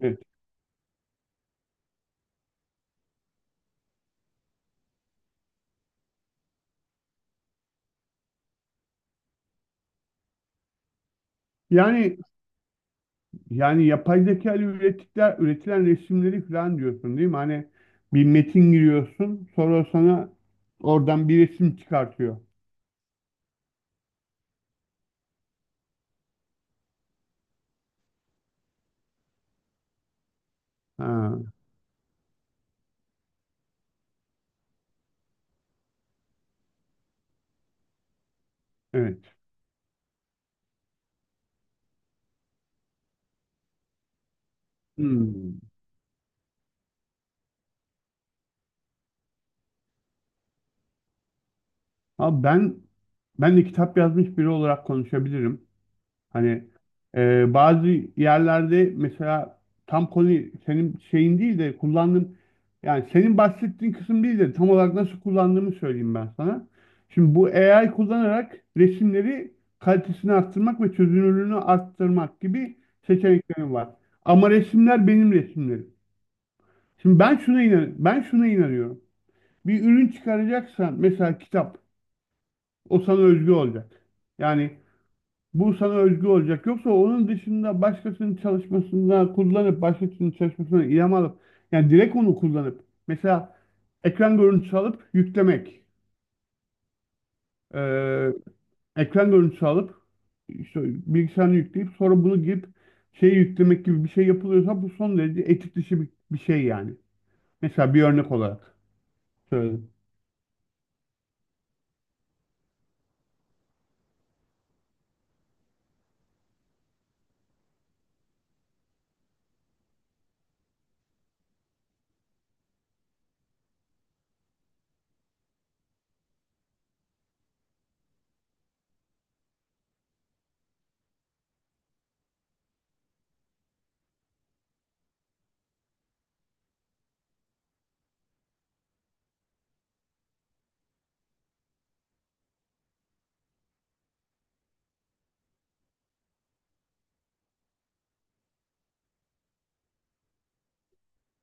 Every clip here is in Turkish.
Evet. Yani yani yapay zeka ile üretilen resimleri falan diyorsun değil mi? Hani bir metin giriyorsun, sonra sana oradan bir resim çıkartıyor. Ha. Evet. Hmm. Abi ben de kitap yazmış biri olarak konuşabilirim. Hani bazı yerlerde mesela tam konu senin şeyin değil de kullandığım, yani senin bahsettiğin kısım değil de tam olarak nasıl kullandığımı söyleyeyim ben sana. Şimdi bu AI kullanarak resimleri kalitesini arttırmak ve çözünürlüğünü arttırmak gibi seçeneklerim var. Ama resimler benim resimlerim. Şimdi ben şuna inanıyorum. Bir ürün çıkaracaksan, mesela kitap, o sana özgü olacak. Yani bu sana özgü olacak. Yoksa onun dışında başkasının çalışmasına kullanıp, başkasının çalışmasına ilham alıp, yani direkt onu kullanıp, mesela ekran görüntüsü alıp yüklemek, Ee, ekran görüntüsü alıp işte bilgisayarını yükleyip sonra bunu girip şey yüklemek gibi bir şey yapılıyorsa bu son derece etik dışı bir şey yani. Mesela bir örnek olarak söyledim.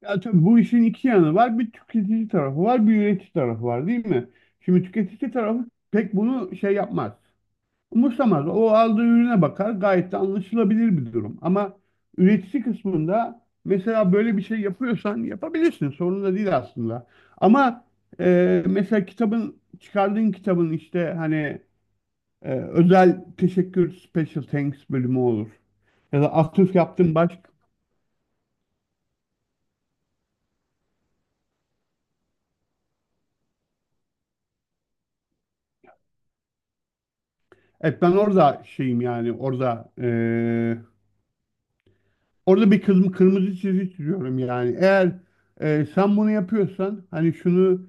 Ya tabii bu işin iki yanı var. Bir tüketici tarafı var, bir üretici tarafı var, değil mi? Şimdi tüketici tarafı pek bunu şey yapmaz. Umursamaz. O aldığı ürüne bakar. Gayet de anlaşılabilir bir durum. Ama üretici kısmında mesela böyle bir şey yapıyorsan yapabilirsin. Sorun da değil aslında. Ama mesela kitabın, çıkardığın kitabın işte hani özel teşekkür, special thanks bölümü olur. Ya da atıf yaptığın başka. Evet, ben orada şeyim yani orada bir kırmızı çizgi çiziyorum yani. Eğer sen bunu yapıyorsan, hani şunu,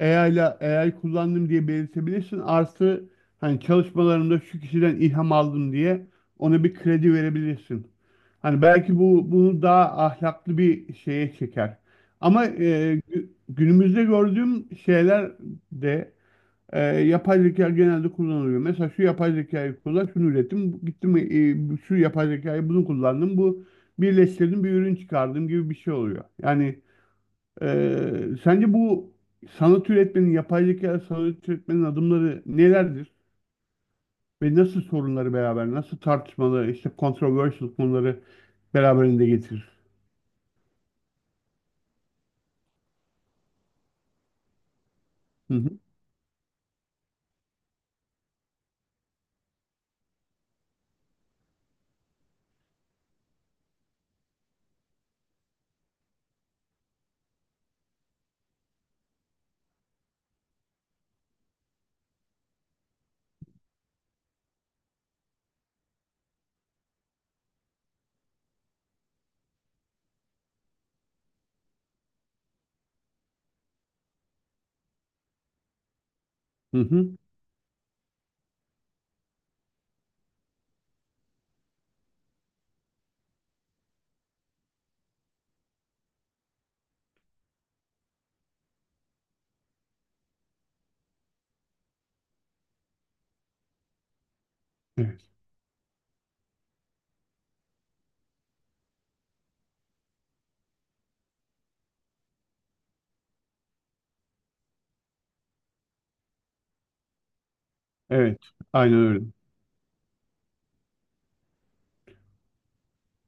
AI ile AI kullandım diye belirtebilirsin. Artı hani çalışmalarımda şu kişiden ilham aldım diye ona bir kredi verebilirsin. Hani belki bu bunu daha ahlaklı bir şeye çeker. Ama günümüzde gördüğüm şeyler de yapay zeka genelde kullanılıyor. Mesela şu yapay zekayı kullan, şunu ürettim. Gittim, şu yapay zekayı bunu kullandım. Bu birleştirdim, bir ürün çıkardım gibi bir şey oluyor. Yani sence bu sanat üretmenin, yapay zeka sanat üretmenin adımları nelerdir? Ve nasıl sorunları beraber, nasıl tartışmalı, işte controversial konuları beraberinde getirir? Hı hı, hı hı. Evet, evet, aynen öyle.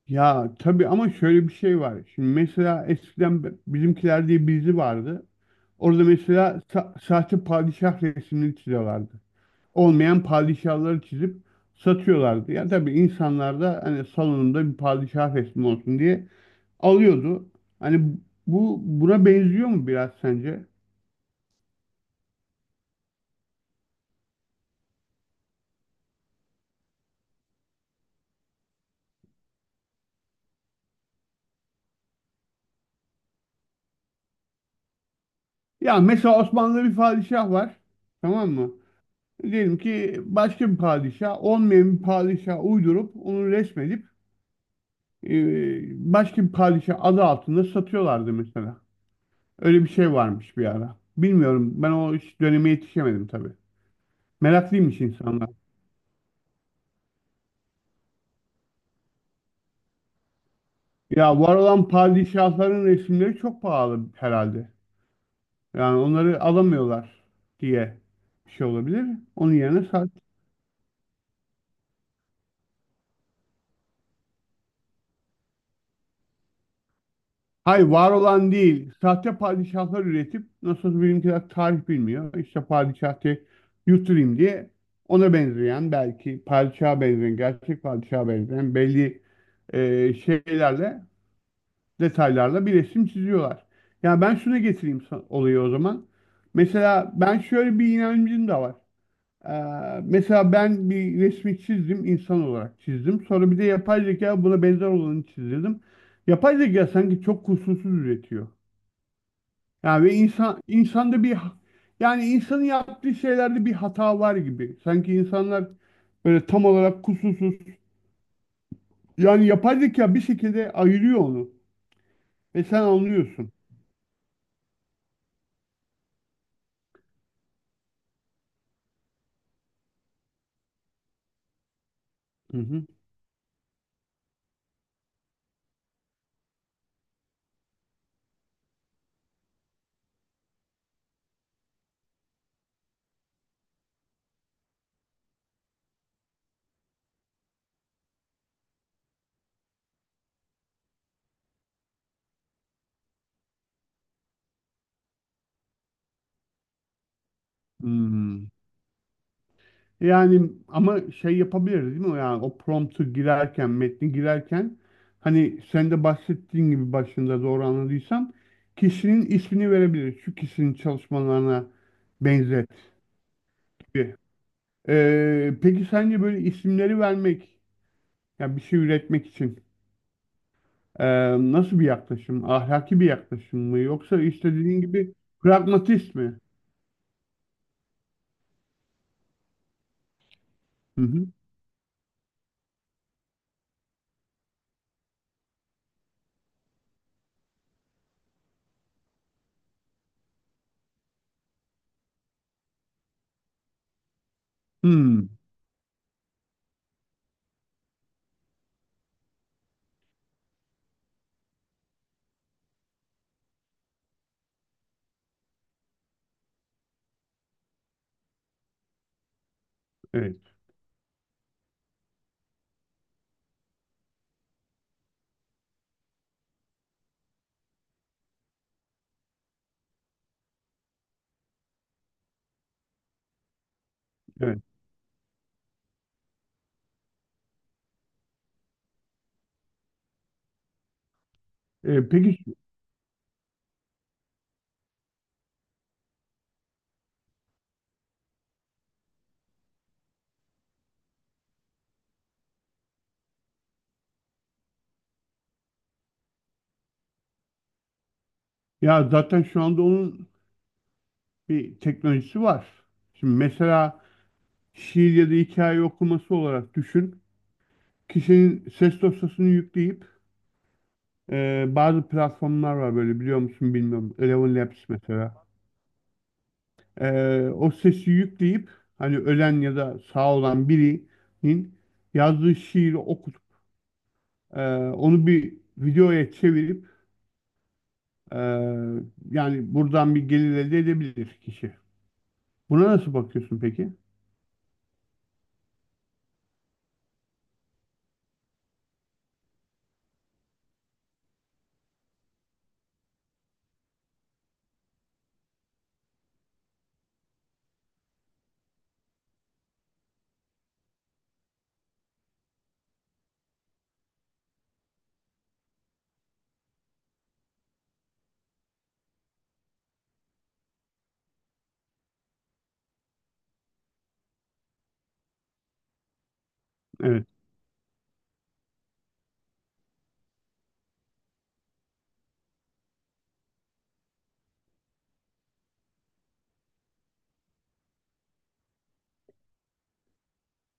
Ya tabii, ama şöyle bir şey var. Şimdi mesela eskiden Bizimkiler diye bir dizi vardı. Orada mesela sahte padişah resmini çiziyorlardı. Olmayan padişahları çizip satıyorlardı. Ya tabii insanlar da hani salonunda bir padişah resmi olsun diye alıyordu. Hani bu buna benziyor mu biraz sence? Ya mesela Osmanlı'da bir padişah var. Tamam mı? Diyelim ki başka bir padişah, olmayan bir padişah uydurup onu resmedip, e, başka bir padişah adı altında satıyorlardı mesela. Öyle bir şey varmış bir ara. Bilmiyorum. Ben o döneme yetişemedim tabii. Meraklıymış insanlar. Ya var olan padişahların resimleri çok pahalı herhalde. Yani onları alamıyorlar diye bir şey olabilir. Onun yerine sahte. Hayır, var olan değil. Sahte padişahlar üretip, nasıl bizimkiler tarih bilmiyor. İşte padişahı yutturayım diye ona benzeyen, belki padişaha benzeyen, gerçek padişaha benzeyen belli şeylerle, detaylarla bir resim çiziyorlar. Ya ben şuna getireyim olayı o zaman. Mesela ben şöyle bir inancım da var. Mesela ben bir resmi çizdim, insan olarak çizdim. Sonra bir de yapay zeka buna benzer olanı çizdirdim. Yapay zeka sanki çok kusursuz üretiyor. Yani ve insan insanda bir ha- yani insanın yaptığı şeylerde bir hata var gibi. Sanki insanlar böyle tam olarak kusursuz. Yani yapay zeka bir şekilde ayırıyor onu ve sen anlıyorsun. Hı hı. Hmm. Yani ama şey yapabiliriz, değil mi? Yani o promptu girerken, metni girerken, hani sen de bahsettiğin gibi başında, doğru anladıysam, kişinin ismini verebiliriz. Şu kişinin çalışmalarına benzet gibi. Peki sence böyle isimleri vermek, yani bir şey üretmek için, ee, nasıl bir yaklaşım? Ahlaki bir yaklaşım mı? Yoksa işte dediğin gibi pragmatist mi? Hı hı. Hmm, evet, evet. Peki, ya zaten şu anda onun bir teknolojisi var. Şimdi mesela şiir ya da hikaye okuması olarak düşün. Kişinin ses dosyasını yükleyip, bazı platformlar var, böyle biliyor musun bilmiyorum. Eleven Labs mesela. E, o sesi yükleyip hani ölen ya da sağ olan birinin yazdığı şiiri okutup, onu bir videoya çevirip, e, yani buradan bir gelir elde edebilir kişi. Buna nasıl bakıyorsun peki? Evet.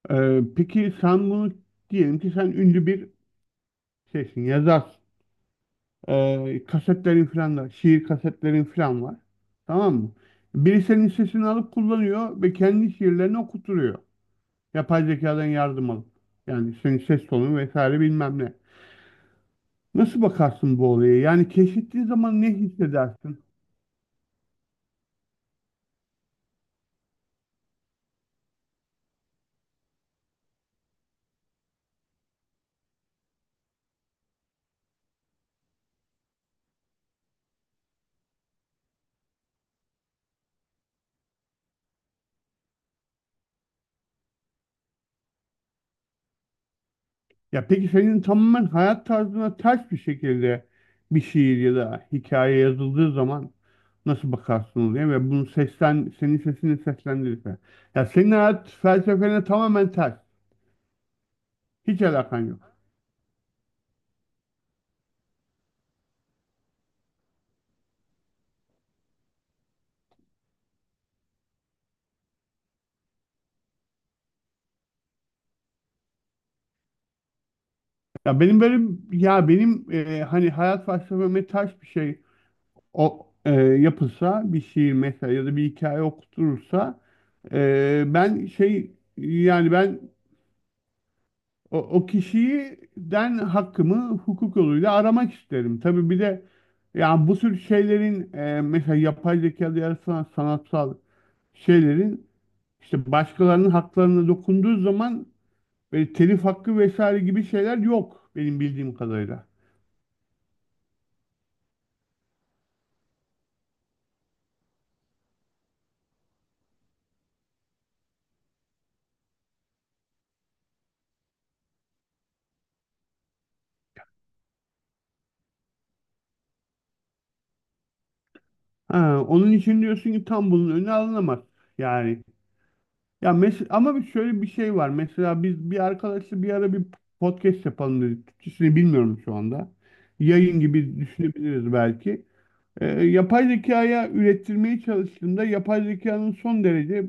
Peki sen bunu, diyelim ki sen ünlü bir şeysin, yazarsın. Kasetlerin falan da, şiir kasetlerin falan var. Tamam mı? Biri senin sesini alıp kullanıyor ve kendi şiirlerini okutturuyor. Yapay zekadan yardım alıp. Yani senin ses tonun vesaire bilmem ne. Nasıl bakarsın bu olaya? Yani keşfettiğin zaman ne hissedersin? Ya peki senin tamamen hayat tarzına ters bir şekilde bir şiir ya da hikaye yazıldığı zaman nasıl bakarsın diye, ve bunu senin sesini seslendirirse. Ya senin hayat felsefene tamamen ters. Hiç alakan yok. Ya benim böyle ya benim hani hayat felsefeme ters bir şey o yapılsa, bir şiir mesela ya da bir hikaye okutulursa, e, ben şey yani ben o kişiden hakkımı hukuk yoluyla aramak isterim. Tabii bir de yani bu tür şeylerin, mesela yapay zekada yaratılan sanatsal şeylerin işte başkalarının haklarına dokunduğu zaman, böyle telif hakkı vesaire gibi şeyler yok benim bildiğim kadarıyla. Ha, onun için diyorsun ki tam bunun önü alınamaz. Yani, ya ama şöyle bir şey var. Mesela biz bir arkadaşla bir ara bir podcast yapalım dedik. Türkçesini bilmiyorum şu anda. Yayın gibi düşünebiliriz belki. E, yapay zekaya ürettirmeye çalıştığımda yapay zekanın son derece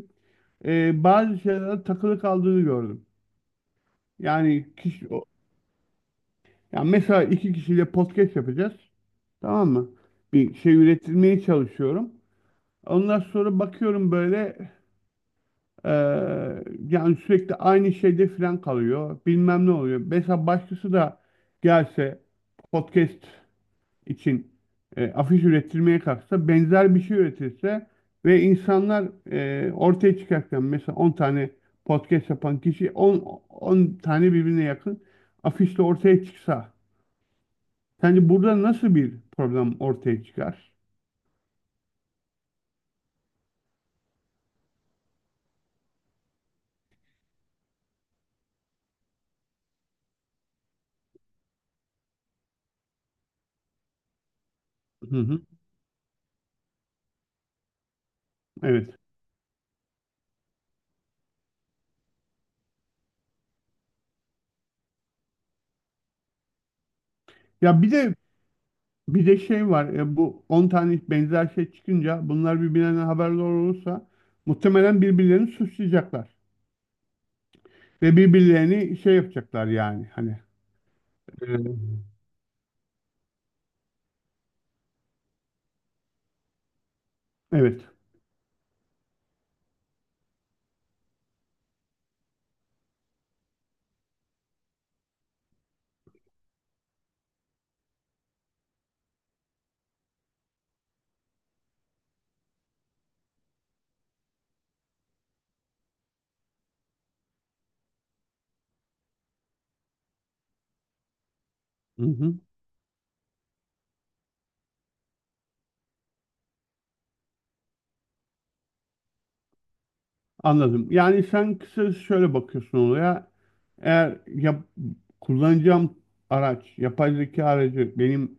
bazı şeylere takılı kaldığını gördüm. Yani kişi, yani mesela iki kişiyle podcast yapacağız. Tamam mı? Bir şey ürettirmeye çalışıyorum. Ondan sonra bakıyorum böyle, e, yani sürekli aynı şeyde falan kalıyor. Bilmem ne oluyor. Mesela başkası da gelse podcast için afiş ürettirmeye kalksa, benzer bir şey üretirse ve insanlar ortaya çıkarken, mesela 10 tane podcast yapan kişi 10 tane birbirine yakın afişle ortaya çıksa, sence burada nasıl bir problem ortaya çıkar? Hı hı, evet. Ya bir de şey var. Bu 10 tane benzer şey çıkınca bunlar birbirlerinden haberdar olursa muhtemelen birbirlerini suçlayacaklar ve birbirlerini şey yapacaklar yani hani. e, Evet. Hı hı, anladım. Yani sen kısacası şöyle bakıyorsun olaya. Eğer kullanacağım araç, yapay zeka aracı benim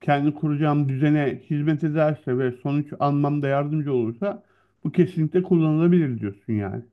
kendi kuracağım düzene hizmet ederse ve sonuç almamda yardımcı olursa, bu kesinlikle kullanılabilir diyorsun yani.